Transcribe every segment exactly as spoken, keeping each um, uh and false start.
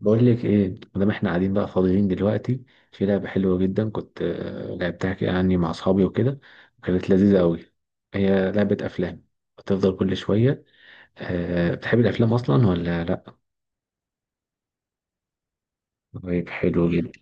بقول لك ايه؟ مادام احنا قاعدين بقى فاضيين دلوقتي، في لعبه حلوه جدا كنت، آه، لعبتها كده يعني مع اصحابي وكده. وكانت لذيذه قوي، هي لعبه افلام بتفضل كل شويه. أه، بتحب الافلام اصلا ولا لا؟ طيب حلو جدا.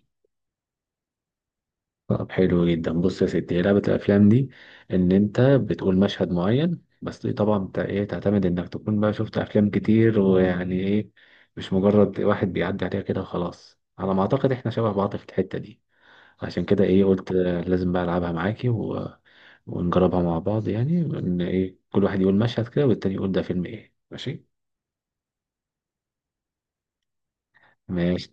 طب حلو جدا، بص يا ستي، هي لعبه الافلام دي ان انت بتقول مشهد معين، بس دي طبعا بت- ايه، تعتمد انك تكون بقى شفت افلام كتير، ويعني ايه، مش مجرد واحد بيعدي عليها كده وخلاص. على ما اعتقد احنا شبه بعض في الحته دي، عشان كده ايه، قلت آه، لازم بقى العبها معاكي و... ونجربها مع بعض. يعني ان ايه، كل واحد يقول مشهد كده والتاني يقول ده فيلم ايه. ماشي، ماشي،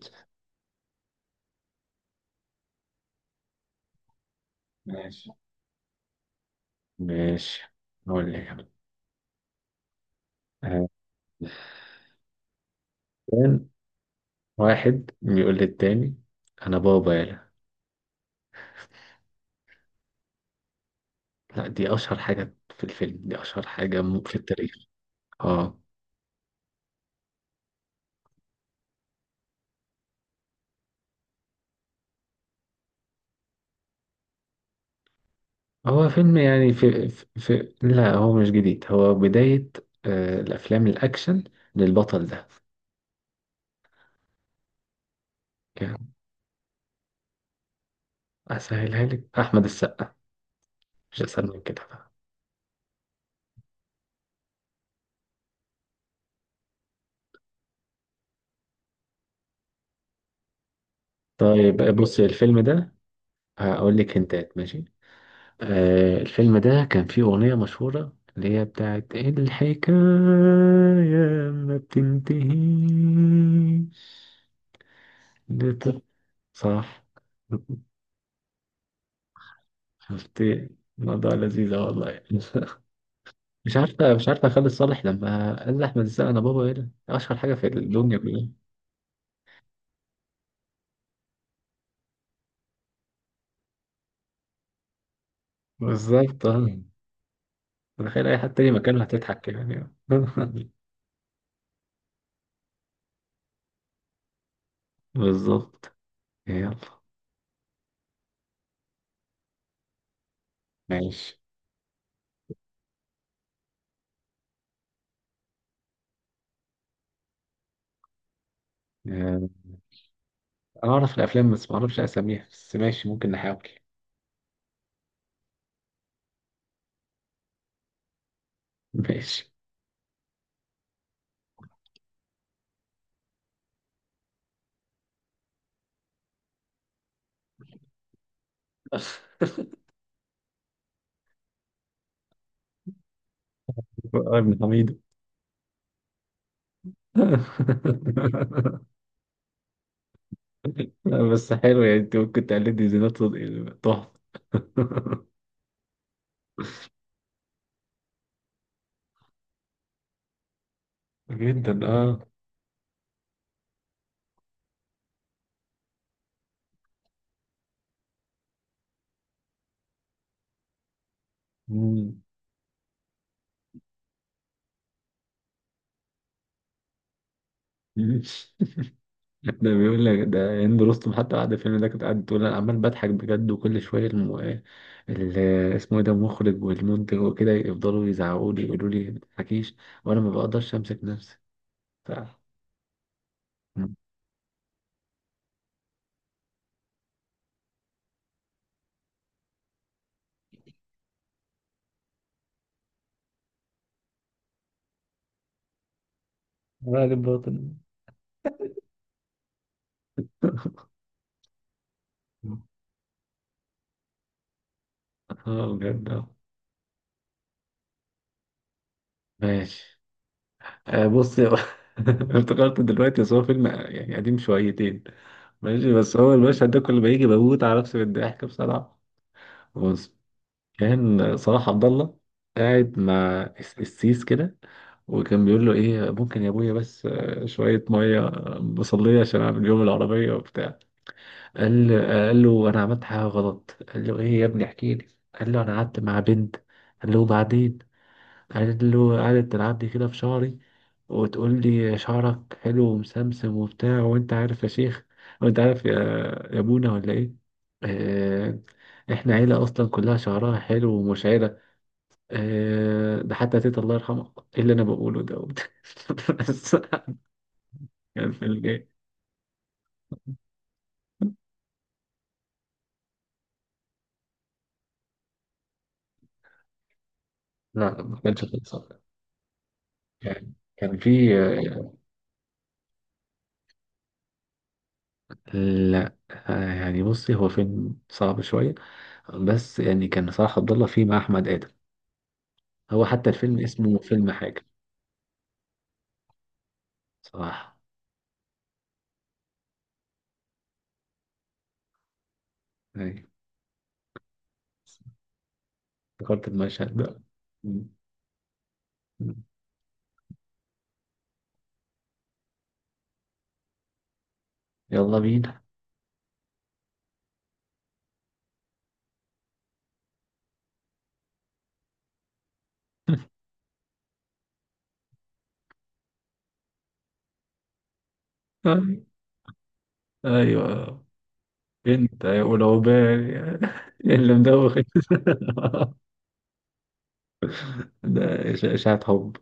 ماشي. ماشي، اقول لك، آه، كان واحد بيقول للتاني: انا بابا يالا. لا، دي اشهر حاجة في الفيلم، دي اشهر حاجة م- في التاريخ. اه، هو فيلم يعني في, في, في لا هو مش جديد، هو بداية آه الافلام الاكشن للبطل ده. يعني اسهلها لك احمد السقا، مش اسهل من كده بقى. طيب بص الفيلم ده هقول لك هنتات، ماشي؟ آه الفيلم ده كان فيه اغنيه مشهوره اللي هي بتاعت الحكايه ما بتنتهيش. لت- صح. شفتي الموضوع لذيذة والله. مش عارفة مش عارفة خالد صالح لما قال لأحمد السقا: أنا بابا إيه ده؟ أشهر حاجة في الدنيا كلها. بالظبط اه. تخيل أي حد تاني مكانه هتضحك كده يعني. بالظبط. يلا. ماشي، آه، أنا أعرف الأفلام بس ما أعرفش أساميها، بس ماشي ممكن نحاول. ماشي. ابن حميدو. لا، بس حلو، يعني أنت ممكن تقلدني زينات صدقي تحفة. جدا أه. مم. ده بيقول لك ده هند رستم، حتى بعد الفيلم ده كنت قاعد تقول أنا عمال بضحك بجد، وكل شوية الم... ال... اسمه إيه ده، المخرج والمنتج وكده، يفضلوا يزعقوا لي يقولوا لي ما تضحكيش، وأنا ما بقدرش أمسك نفسي. ف... غالب باطن. اه بجد اه. ماشي، آه بص يا- افتكرت دلوقتي، بس هو فيلم يعني قديم شويتين، ماشي بس هو المشهد ده كل ما يجي بموت على نفسي بالضحك بصراحة. بص، كان صلاح عبد الله قاعد مع الس- السيس كده، وكان بيقول له ايه: ممكن يا ابويا بس آه، شوية مية بصلية عشان اعمل يوم العربية وبتاع. قال قال له انا عملت حاجة غلط، قال له ايه يا ابني احكي لي. قال له انا قعدت مع بنت. قال له وبعدين؟ قعدت له قعدت تلعب لي كده في شعري، وتقول لي شعرك حلو ومسمسم وبتاع، وانت عارف يا شيخ، وانت عارف يا، يا ابونا ولا ايه. آه، احنا عيلة اصلا كلها شعرها حلو ومشعرة. آه، ده حتى تيتا الله يرحمها، ايه اللي انا بقوله ده؟ بس كان في الجاي. لا ما كانش فيلم صعب، يعني كان في، لا آه، يعني بصي هو فيلم صعب شوية، بس يعني كان صلاح عبد الله فيه مع أحمد آدم. هو حتى الفيلم اسمه فيلم حاجة صراحة. أي، افتكرت المشهد ده. مم. مم. يلا بينا. أي- أيوة، أنت يا أولى وبال، اللي مدوخ. ده إش- إشاعة حب.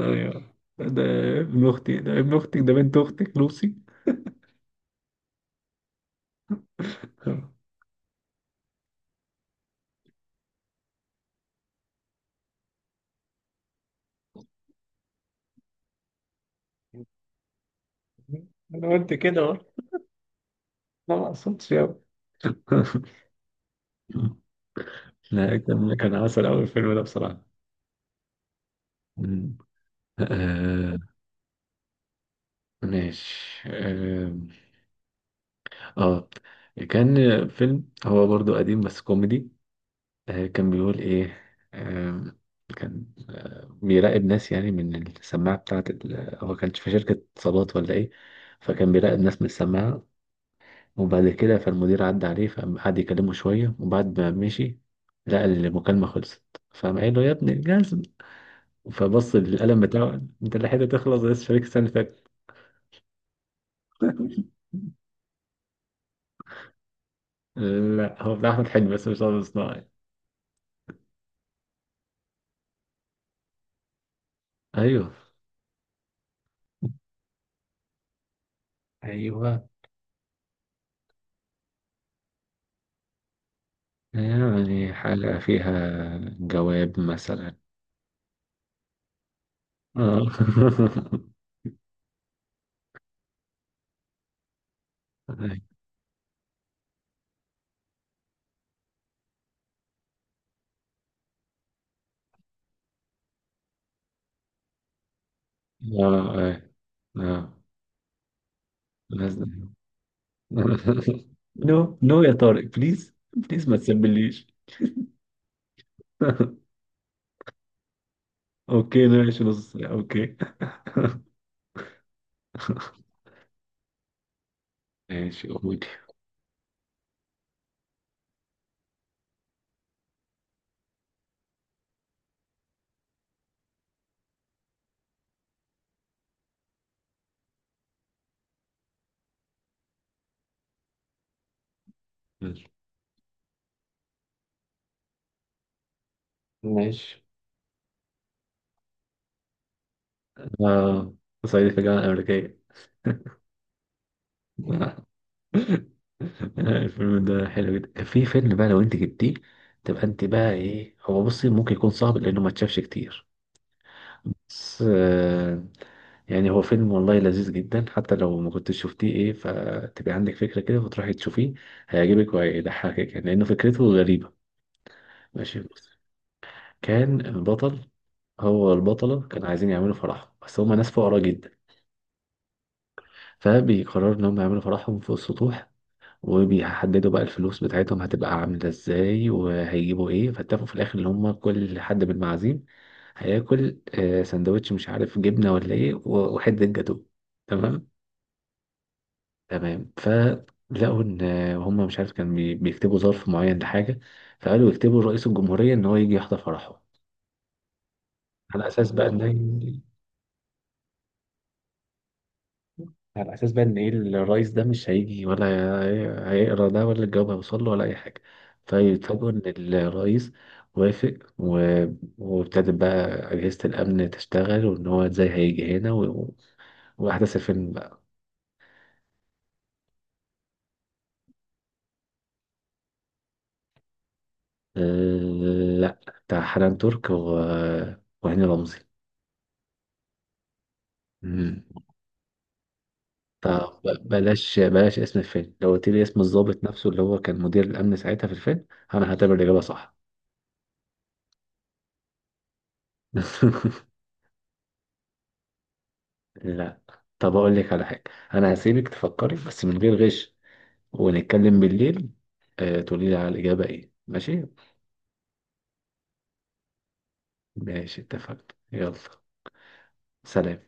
أيوة ده، ابن أختي، ده ابن أختك، ده بنت أختك لوسي. أنا قلت كده أهو. ما مقصودش يا، لا، كان كان عسل أوي الفيلم ده بصراحة. مم. آه، ماشي، آه اه، كان فيلم هو برضو قديم بس كوميدي. آه، كان بيقول ايه، آم، كان بيراقب ناس يعني من السماعة بتاعت ال... هو كانش في شركة اتصالات ولا ايه، فكان بيراقب ناس من السماعة، وبعد كده فالمدير عدى عليه، فقعد يكلمه شوية وبعد ما مشي لقى المكالمة خلصت. فقام قايل له: يا ابني جاز. فبص للقلم بتاعه: انت الحتة تخلص يا شركة السنة اللي فاتت. لا هو بتاع أحمد حلمي، بس مش عارف صناعي. ايوه، ايوه. يعني حلقة فيها جواب مثلا. اه. اه، اه، آه. لازم. نو، نو يا طارق، بليز بليز ما تسبليش. اوكي ماشي، نص ساعة اوكي. ماشي قولي. ماشي اه، صعيدي في الجامعة الأمريكية. الفيلم ده حلو جدا. كان في فيلم بقى لو انت جبتيه تبقى انت بقى ايه. هو بصي ممكن يكون صعب لانه ما اتشافش كتير، بس آه، يعني هو فيلم والله لذيذ جدا، حتى لو ما كنتش شفتيه ايه، فتبقى عندك فكرة كده وتروحي تشوفيه، هيعجبك وهيضحكك يعني لأنه فكرته غريبة. ماشي بص، كان البطل هو البطلة كانوا عايزين يعملوا فرحهم، بس هما ناس فقراء جدا. فبيقرروا إن هم يعملوا فرحهم فوق السطوح، وبيحددوا بقى الفلوس بتاعتهم هتبقى عاملة ازاي وهيجيبوا ايه. فاتفقوا في الآخر إن هما كل حد بالمعازيم هياكل آه، سندوتش مش عارف جبنة ولا ايه و- وحتة جاتوه، تمام؟ تمام. فلقوا ان هم مش عارف، كان بي- بيكتبوا ظرف معين لحاجه، فقالوا يكتبوا لرئيس الجمهوريه ان هو يجي يحضر فرحه، على اساس بقى ان، على اساس بقى ان ايه الرئيس ده مش هيجي، ولا هي- هيقرا ده، ولا الجواب هيوصل له، ولا اي حاجه. فيتفاجئوا ان الرئيس وافق و- وابتدت بقى اجهزه الامن تشتغل، وان هو ازاي هيجي هنا و... واحداث الفيلم بقى. أه... لا، بتاع حنان ترك و... وهاني رمزي. مم. فبلاش بلاش بلاش اسم الفيلم، لو قلت لي اسم الضابط نفسه اللي هو كان مدير الأمن ساعتها في الفيلم، أنا هعتبر الإجابة صح. لا، طب أقول لك على حاجة، أنا هسيبك تفكري بس من غير غش، ونتكلم بالليل، آه، تقولي لي على الإجابة إيه، ماشي؟ ماشي اتفقنا. يلا، سلام.